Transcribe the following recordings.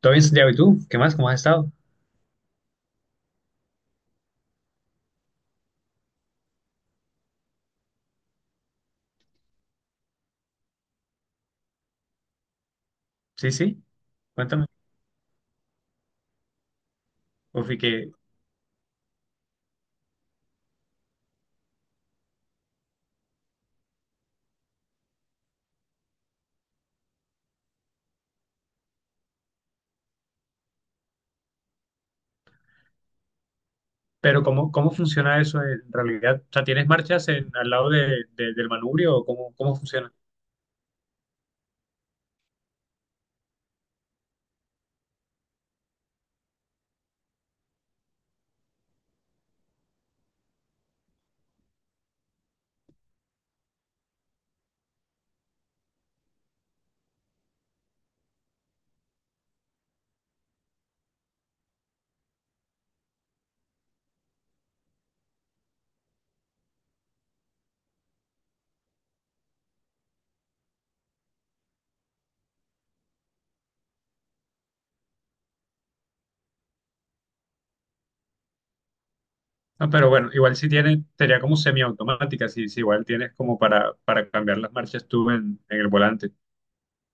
Todo bien, Santiago, ¿y tú? ¿Qué más? ¿Cómo has estado? Sí, sí, cuéntame. Uf, y que, pero ¿cómo, cómo funciona eso en realidad? O sea, ¿tienes marchas al lado del manubrio o cómo, cómo funciona? Ah, pero bueno, igual si tienes, sería como semiautomática, si igual tienes como para cambiar las marchas tú en el volante.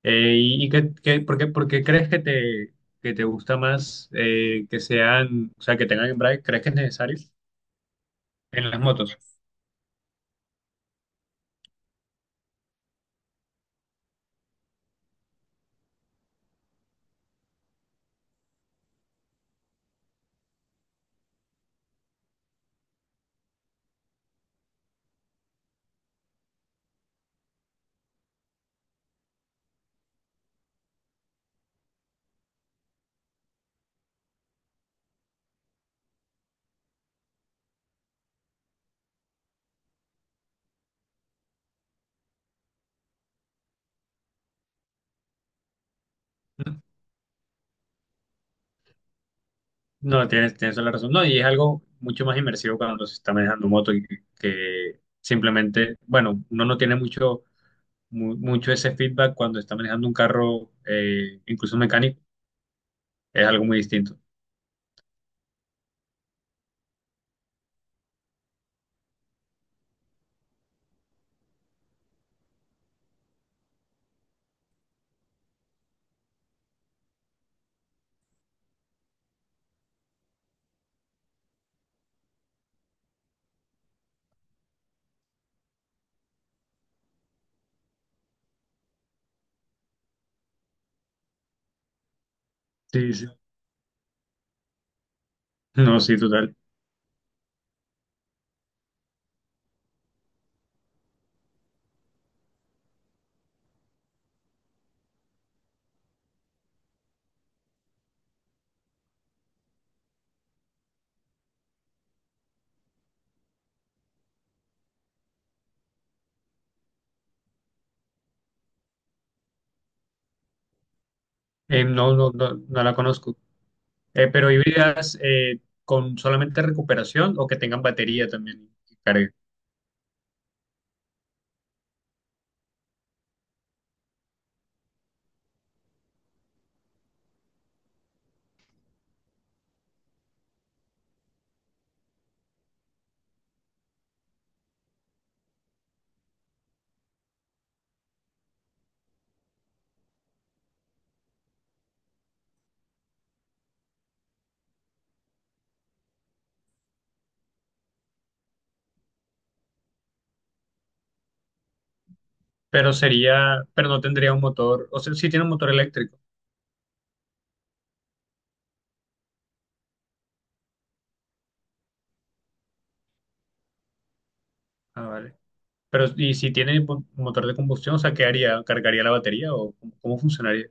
¿Y qué, por qué, por qué crees que te gusta más que sean, o sea, que tengan embrague? ¿Crees que es necesario en las motos? No, tienes, tienes toda la razón. No, y es algo mucho más inmersivo cuando se está manejando moto y que simplemente, bueno, uno no tiene mucho, mucho ese feedback cuando está manejando un carro, incluso mecánico, es algo muy distinto. Sí, sí. No, sí, total. No, no, no, no la conozco. Pero híbridas con solamente recuperación o que tengan batería también que cargue. Pero sería, pero no tendría un motor, o sea, sí tiene un motor eléctrico. Ah, vale. Pero, ¿y si tiene motor de combustión, o sea, qué haría? ¿Cargaría la batería o cómo, cómo funcionaría?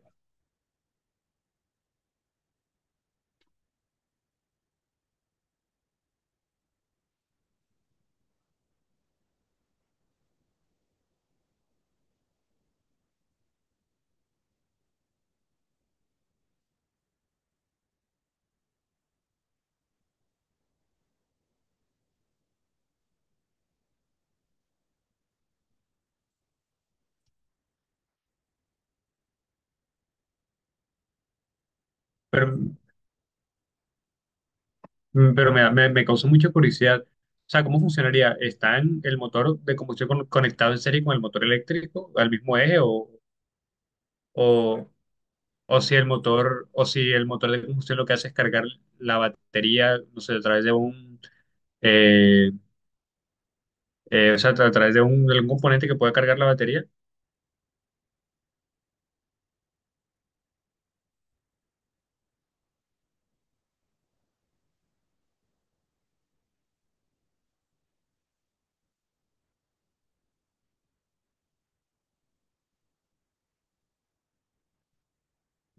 Pero, pero me, me, me causó mucha curiosidad. O sea, ¿cómo funcionaría? ¿Está en el motor de combustión conectado en serie con el motor eléctrico al mismo eje o, o si el motor o si el motor de combustión lo que hace es cargar la batería, no sé, a través de un eh, o sea, a través de un, de algún componente que pueda cargar la batería?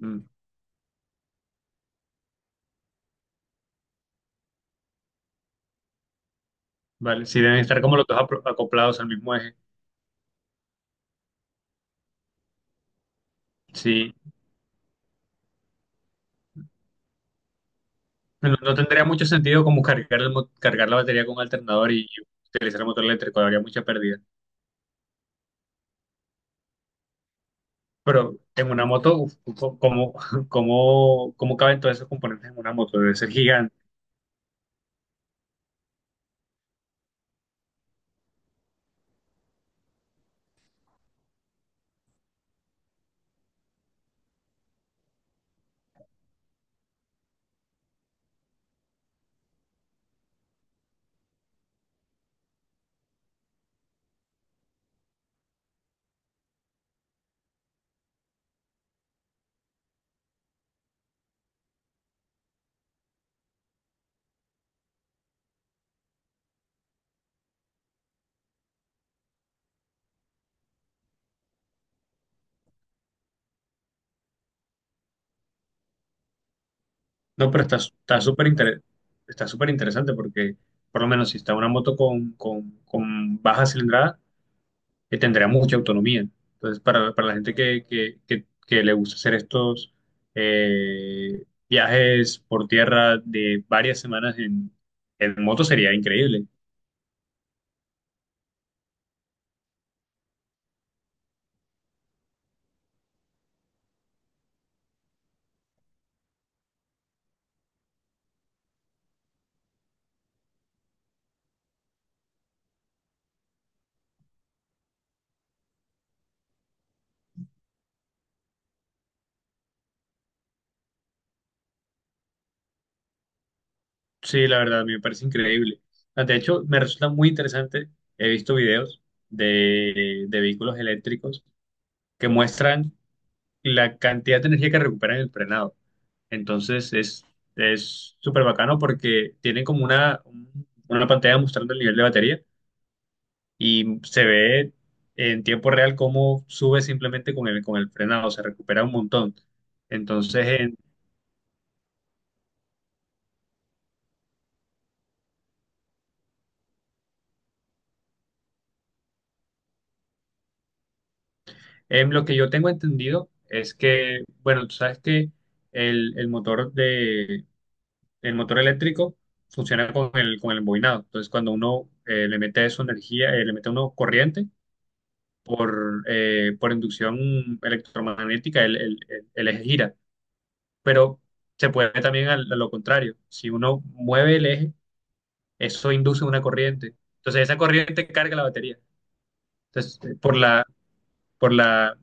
Mm, vale, si deben estar como los dos acoplados al mismo eje. Sí, no, no tendría mucho sentido como cargar, el cargar la batería con un alternador y utilizar el motor eléctrico, habría mucha pérdida. Pero en una moto, uf, ¿cómo, cómo, cómo caben todos esos componentes en una moto? Debe ser gigante. No, pero está está está súper interesante porque, por lo menos, si está una moto con baja cilindrada, que tendrá mucha autonomía. Entonces, para la gente que, que le gusta hacer estos viajes por tierra de varias semanas en moto sería increíble. Sí, la verdad, a mí me parece increíble. Ah, de hecho, me resulta muy interesante. He visto videos de vehículos eléctricos que muestran la cantidad de energía que recuperan en el frenado. Entonces es súper bacano porque tienen como una pantalla mostrando el nivel de batería y se ve en tiempo real cómo sube simplemente con el frenado, se recupera un montón. Entonces, en lo que yo tengo entendido es que, bueno, tú sabes que el motor de, el motor eléctrico funciona con el embobinado. Entonces, cuando uno le mete su energía, le mete uno corriente por inducción electromagnética, el, el eje gira. Pero se puede también a lo contrario. Si uno mueve el eje, eso induce una corriente. Entonces esa corriente carga la batería. Entonces, por la,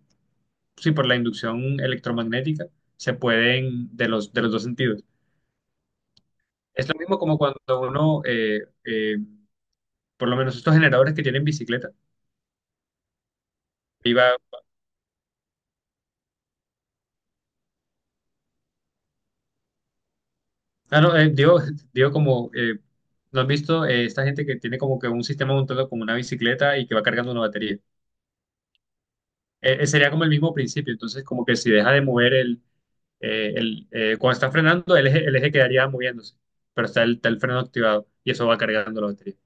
sí, por la inducción electromagnética se pueden de los dos sentidos. Es lo mismo como cuando uno, por lo menos estos generadores que tienen bicicleta, iba, ah, no, digo, digo como, ¿no has visto esta gente que tiene como que un sistema montado como una bicicleta y que va cargando una batería? Sería como el mismo principio, entonces como que si deja de mover el, cuando está frenando, el eje quedaría moviéndose, pero está el freno activado y eso va cargando la batería.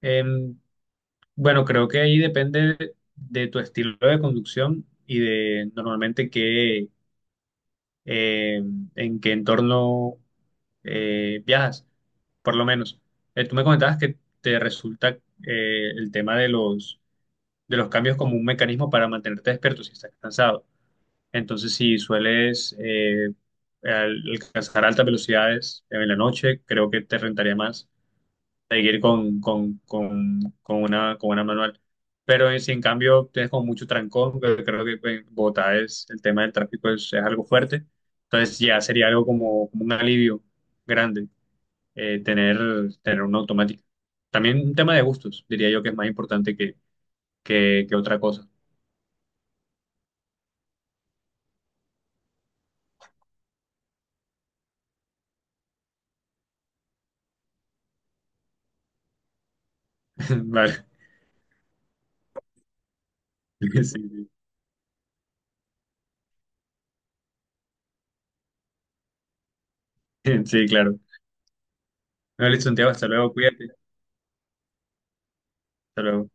Em, bueno, creo que ahí depende de tu estilo de conducción y de normalmente qué, en qué entorno viajas, por lo menos. Tú me comentabas que te resulta el tema de los cambios como un mecanismo para mantenerte despierto si estás cansado. Entonces, si sueles alcanzar altas velocidades en la noche, creo que te rentaría más seguir con una manual. Pero si en cambio tienes como mucho trancón, que creo que pues, en Bogotá es, el tema del tráfico es algo fuerte, entonces ya sería algo como, como un alivio grande tener, tener una automática. También un tema de gustos, diría yo que es más importante que otra cosa. Vale. Sí, sí, sí, claro. Vale, Santiago, hasta luego, cuídate, hasta luego.